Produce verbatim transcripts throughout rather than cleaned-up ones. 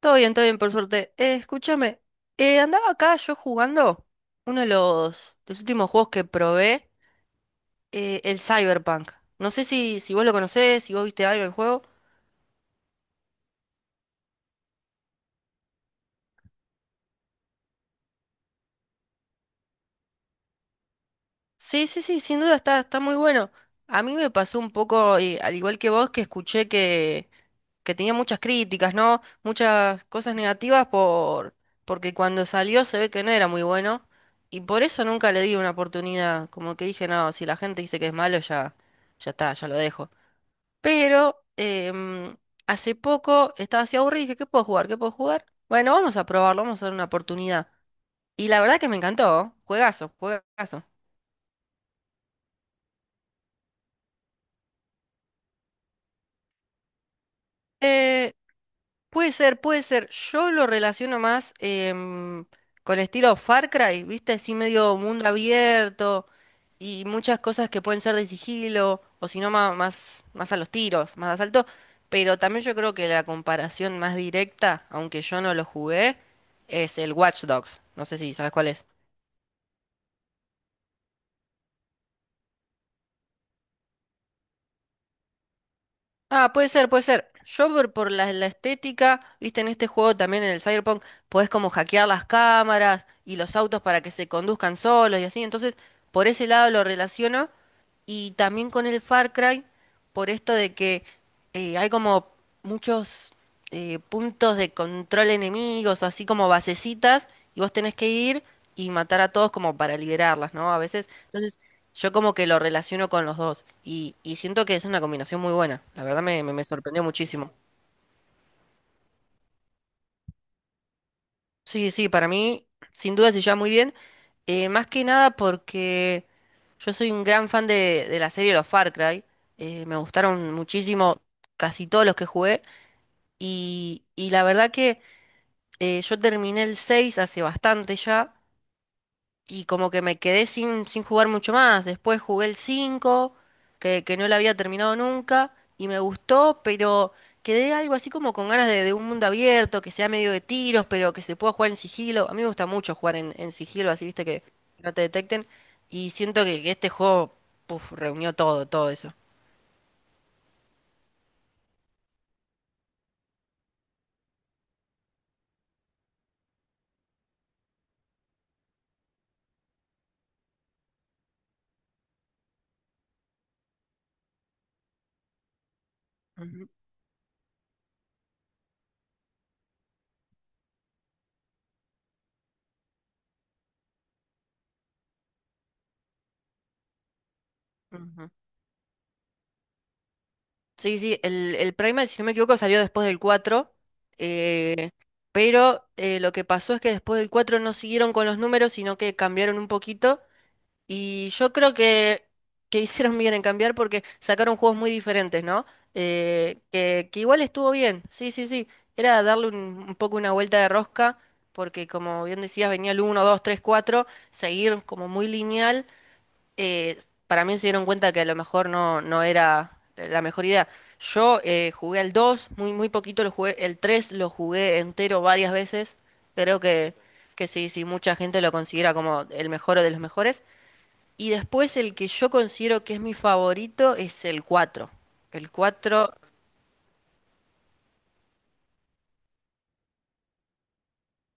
Todo bien, todo bien, por suerte. Eh, escúchame, eh, andaba acá yo jugando uno de los, de los últimos juegos que probé, eh, el Cyberpunk. No sé si, si vos lo conocés, si vos viste algo del juego. Sí, sí, sí, sin duda está, está muy bueno. A mí me pasó un poco, eh, al igual que vos, que escuché que, que tenía muchas críticas, ¿no? Muchas cosas negativas por, porque cuando salió se ve que no era muy bueno. Y por eso nunca le di una oportunidad. Como que dije, no, si la gente dice que es malo, ya, ya está, ya lo dejo. Pero em, hace poco estaba así aburrida y dije, ¿qué puedo jugar? ¿Qué puedo jugar? Bueno, vamos a probarlo, vamos a dar una oportunidad. Y la verdad que me encantó. Juegazo, juegazo. Eh, Puede ser, puede ser. Yo lo relaciono más em, con el estilo Far Cry, ¿viste? Así medio mundo abierto y muchas cosas que pueden ser de sigilo o si no ma- más, más, a los tiros, más asalto. Pero también yo creo que la comparación más directa, aunque yo no lo jugué, es el Watch Dogs. No sé si sabes cuál es. Ah, puede ser, puede ser. Yo por, por la, la estética, viste, en este juego también en el Cyberpunk, podés como hackear las cámaras y los autos para que se conduzcan solos y así. Entonces, por ese lado lo relaciono. Y también con el Far Cry, por esto de que eh, hay como muchos eh, puntos de control enemigos, así como basecitas, y vos tenés que ir y matar a todos como para liberarlas, ¿no? A veces. Entonces, yo como que lo relaciono con los dos y, y siento que es una combinación muy buena. La verdad me, me- me sorprendió muchísimo. Sí, sí, para mí sin duda se lleva muy bien, eh, más que nada porque yo soy un gran fan de, de la serie de Los Far Cry. Eh, me gustaron muchísimo casi todos los que jugué y, y la verdad que eh, yo terminé el seis hace bastante ya. Y como que me quedé sin, sin jugar mucho más. Después jugué el cinco que, que no lo había terminado nunca, y me gustó, pero quedé algo así como con ganas de, de un mundo abierto, que sea medio de tiros, pero que se pueda jugar en sigilo. A mí me gusta mucho jugar en, en sigilo, así viste que no te detecten. Y siento que, que este juego, puf, reunió todo, todo eso. Ujú, ujú. Sí, sí, el, el Primal, si no me equivoco, salió después del cuatro, eh, pero eh, lo que pasó es que después del cuatro no siguieron con los números, sino que cambiaron un poquito, y yo creo que, que hicieron bien en cambiar porque sacaron juegos muy diferentes, ¿no? Eh, que, que igual estuvo bien, sí, sí, sí, era darle un, un poco una vuelta de rosca, porque como bien decías, venía el uno dos tres cuatro seguir como muy lineal. eh, para mí se dieron cuenta que a lo mejor no, no era la mejor idea. Yo eh, jugué al dos muy, muy poquito lo jugué, el tres lo jugué entero varias veces. Creo que, que sí, sí, mucha gente lo considera como el mejor de los mejores. Y después el que yo considero que es mi favorito es el cuatro. El cuatro.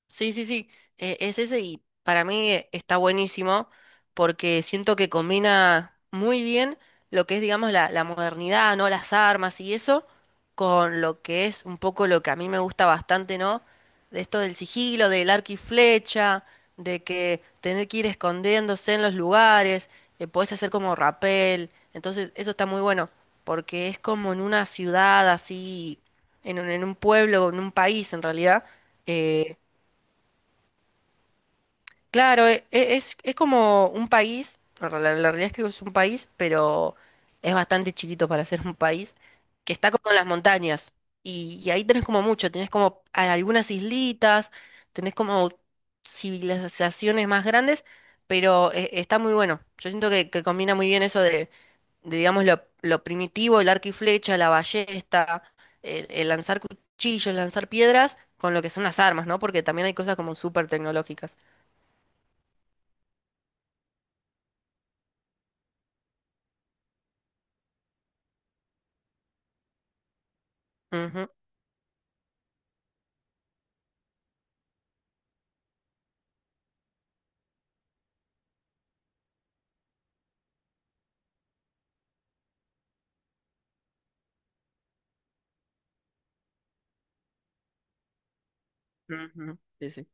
Sí, sí, sí, eh, es ese y para mí eh, está buenísimo porque siento que combina muy bien lo que es, digamos, la, la modernidad, ¿no? Las armas y eso con lo que es un poco lo que a mí me gusta bastante, ¿no? De esto del sigilo, del arco y flecha, de que tener que ir escondiéndose en los lugares, eh, podés hacer como rapel, entonces eso está muy bueno porque es como en una ciudad así, en un, en un pueblo, en un país en realidad. eh, Claro, e- e- es, es como un país, la, la- la realidad es que es un país, pero es bastante chiquito para ser un país, que está como en las montañas. Y, y ahí tenés como mucho, tenés como a- algunas islitas, tenés como civilizaciones más grandes, pero eh, está muy bueno. Yo siento que, que combina muy bien eso de, de, digamos, lo, lo primitivo, el arco y flecha, la ballesta, el, el lanzar cuchillos, lanzar piedras, con lo que son las armas, ¿no? Porque también hay cosas como súper tecnológicas. Ujú, sí, sí,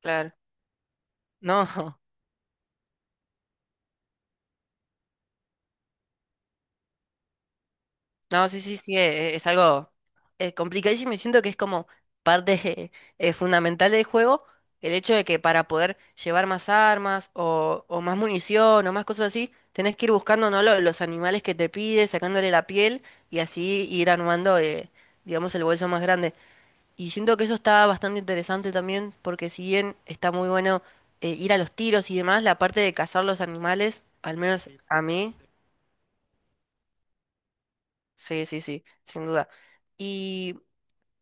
claro. No, no, sí, sí, sí, eh, es algo eh, complicadísimo y siento que es como parte eh, fundamental del juego, el hecho de que para poder llevar más armas o, o más munición o más cosas así, tenés que ir buscando, ¿no?, lo- los animales que te pide, sacándole la piel y así ir armando, eh, digamos, el bolso más grande. Y siento que eso está bastante interesante también porque si bien está muy bueno eh, ir a los tiros y demás, la parte de cazar los animales, al menos a mí. Sí, sí, sí, sin duda. Y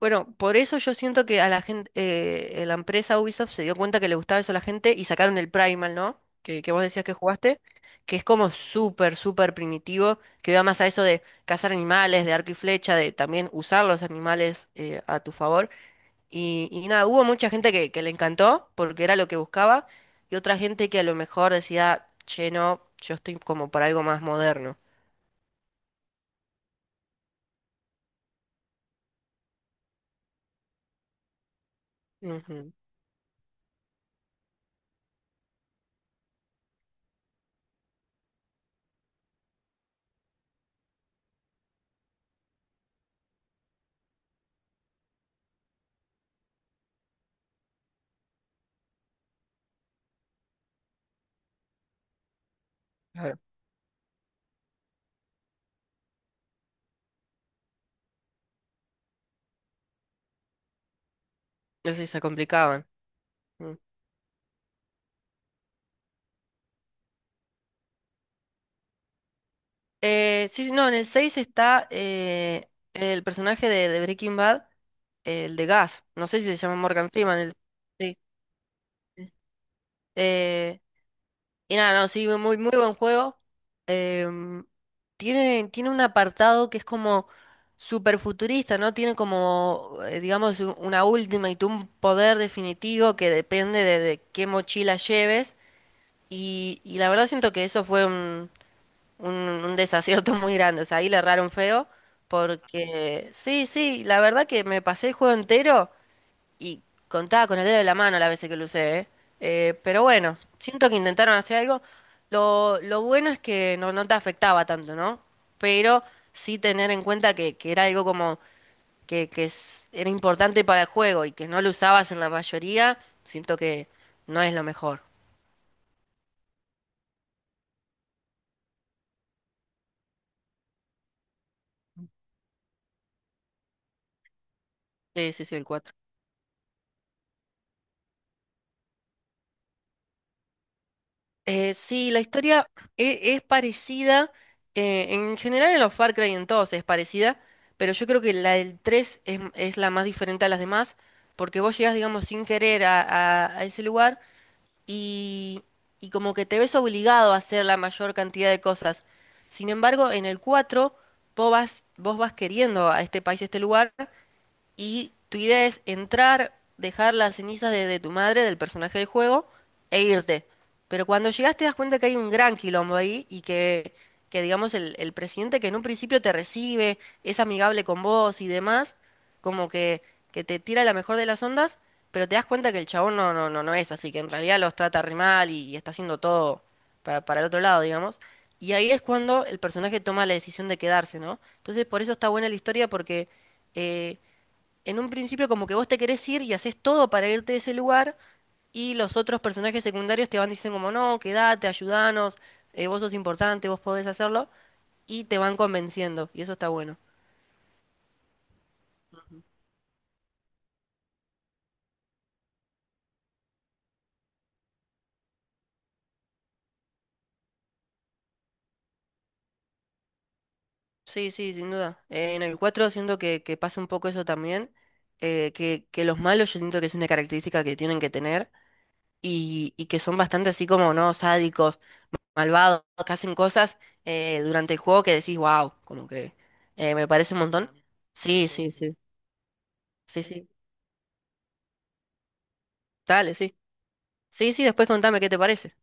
bueno, por eso yo siento que a la gente, eh, la empresa Ubisoft se dio cuenta que le gustaba eso a la gente y sacaron el Primal, ¿no? Que, que vos decías que jugaste, que es como súper, súper primitivo, que va más a eso de cazar animales, de arco y flecha, de también usar los animales eh, a tu favor. Y, y nada, hubo mucha gente que, que le encantó porque era lo que buscaba y otra gente que a lo mejor decía, che, no, yo estoy como para algo más moderno. Ujú, claro. Entonces se complicaban. Mm. Eh, sí, sí, no, en el seis está eh, el personaje de, de Breaking Bad, el de Gas. No sé si se llama Morgan Freeman. El. Sí. Eh, y nada, no, sí, muy, muy buen juego. Em, tiene, tiene un apartado que es como super futurista, ¿no? Tiene como, eh, digamos, u- una última y tú un poder definitivo que depende de, de qué mochila lleves. Y, y la verdad siento que eso fue un, un desacierto muy grande. O sea, ahí le erraron feo. Porque sí, sí, la verdad que me pasé el juego entero y contaba con el dedo de la mano las veces que lo usé, ¿eh? Eh, pero bueno, siento que intentaron hacer algo. Lo, lo bueno es que no, no te afectaba tanto, ¿no? Pero sí tener en cuenta que, que era algo como que, que es- era importante para el juego y que no lo usabas en la mayoría, siento que no es lo mejor. Sí, sí, sí, el cuatro. Eh, sí, la historia e- es, parecida, eh, en general en los Far Cry en todos es parecida, pero yo creo que la del tres es, m- es la más diferente a las demás, porque vos llegás, digamos, sin querer a, a- a ese lugar y, y como que te ves obligado a hacer la mayor cantidad de cosas. Sin embargo, en el cuatro vos vas, vos vas queriendo a este país, a este lugar, y tu idea es entrar, dejar las cenizas de, de tu madre, del personaje del juego, e irte. Pero cuando llegas te das cuenta que hay un gran quilombo ahí y que, que digamos, el, el presidente que en un principio te recibe, es amigable con vos y demás, como que, que te tira la mejor de las ondas, pero te das cuenta que el chabón no, no, no, no es así, que en realidad los trata re mal y, y está haciendo todo para, para el otro lado, digamos. Y ahí es cuando el personaje toma la decisión de quedarse, ¿no? Entonces por eso está buena la historia porque... eh, en un principio como que vos te querés ir y haces todo para irte de ese lugar, y los otros personajes secundarios te van diciendo como no, quédate, ayudanos, eh, vos sos importante, vos podés hacerlo, y te van convenciendo y eso está bueno. Sí, sí, sin duda. Eh, en el cuatro siento que, que pasa un poco eso también, eh, que, que los malos yo siento que es una característica que tienen que tener y, y que son bastante así como, ¿no?, sádicos, malvados, que hacen cosas eh, durante el juego que decís, wow, como que eh, me parece un montón. Sí, sí, sí. Sí, sí. Dale, sí. Sí, sí, después contame qué te parece.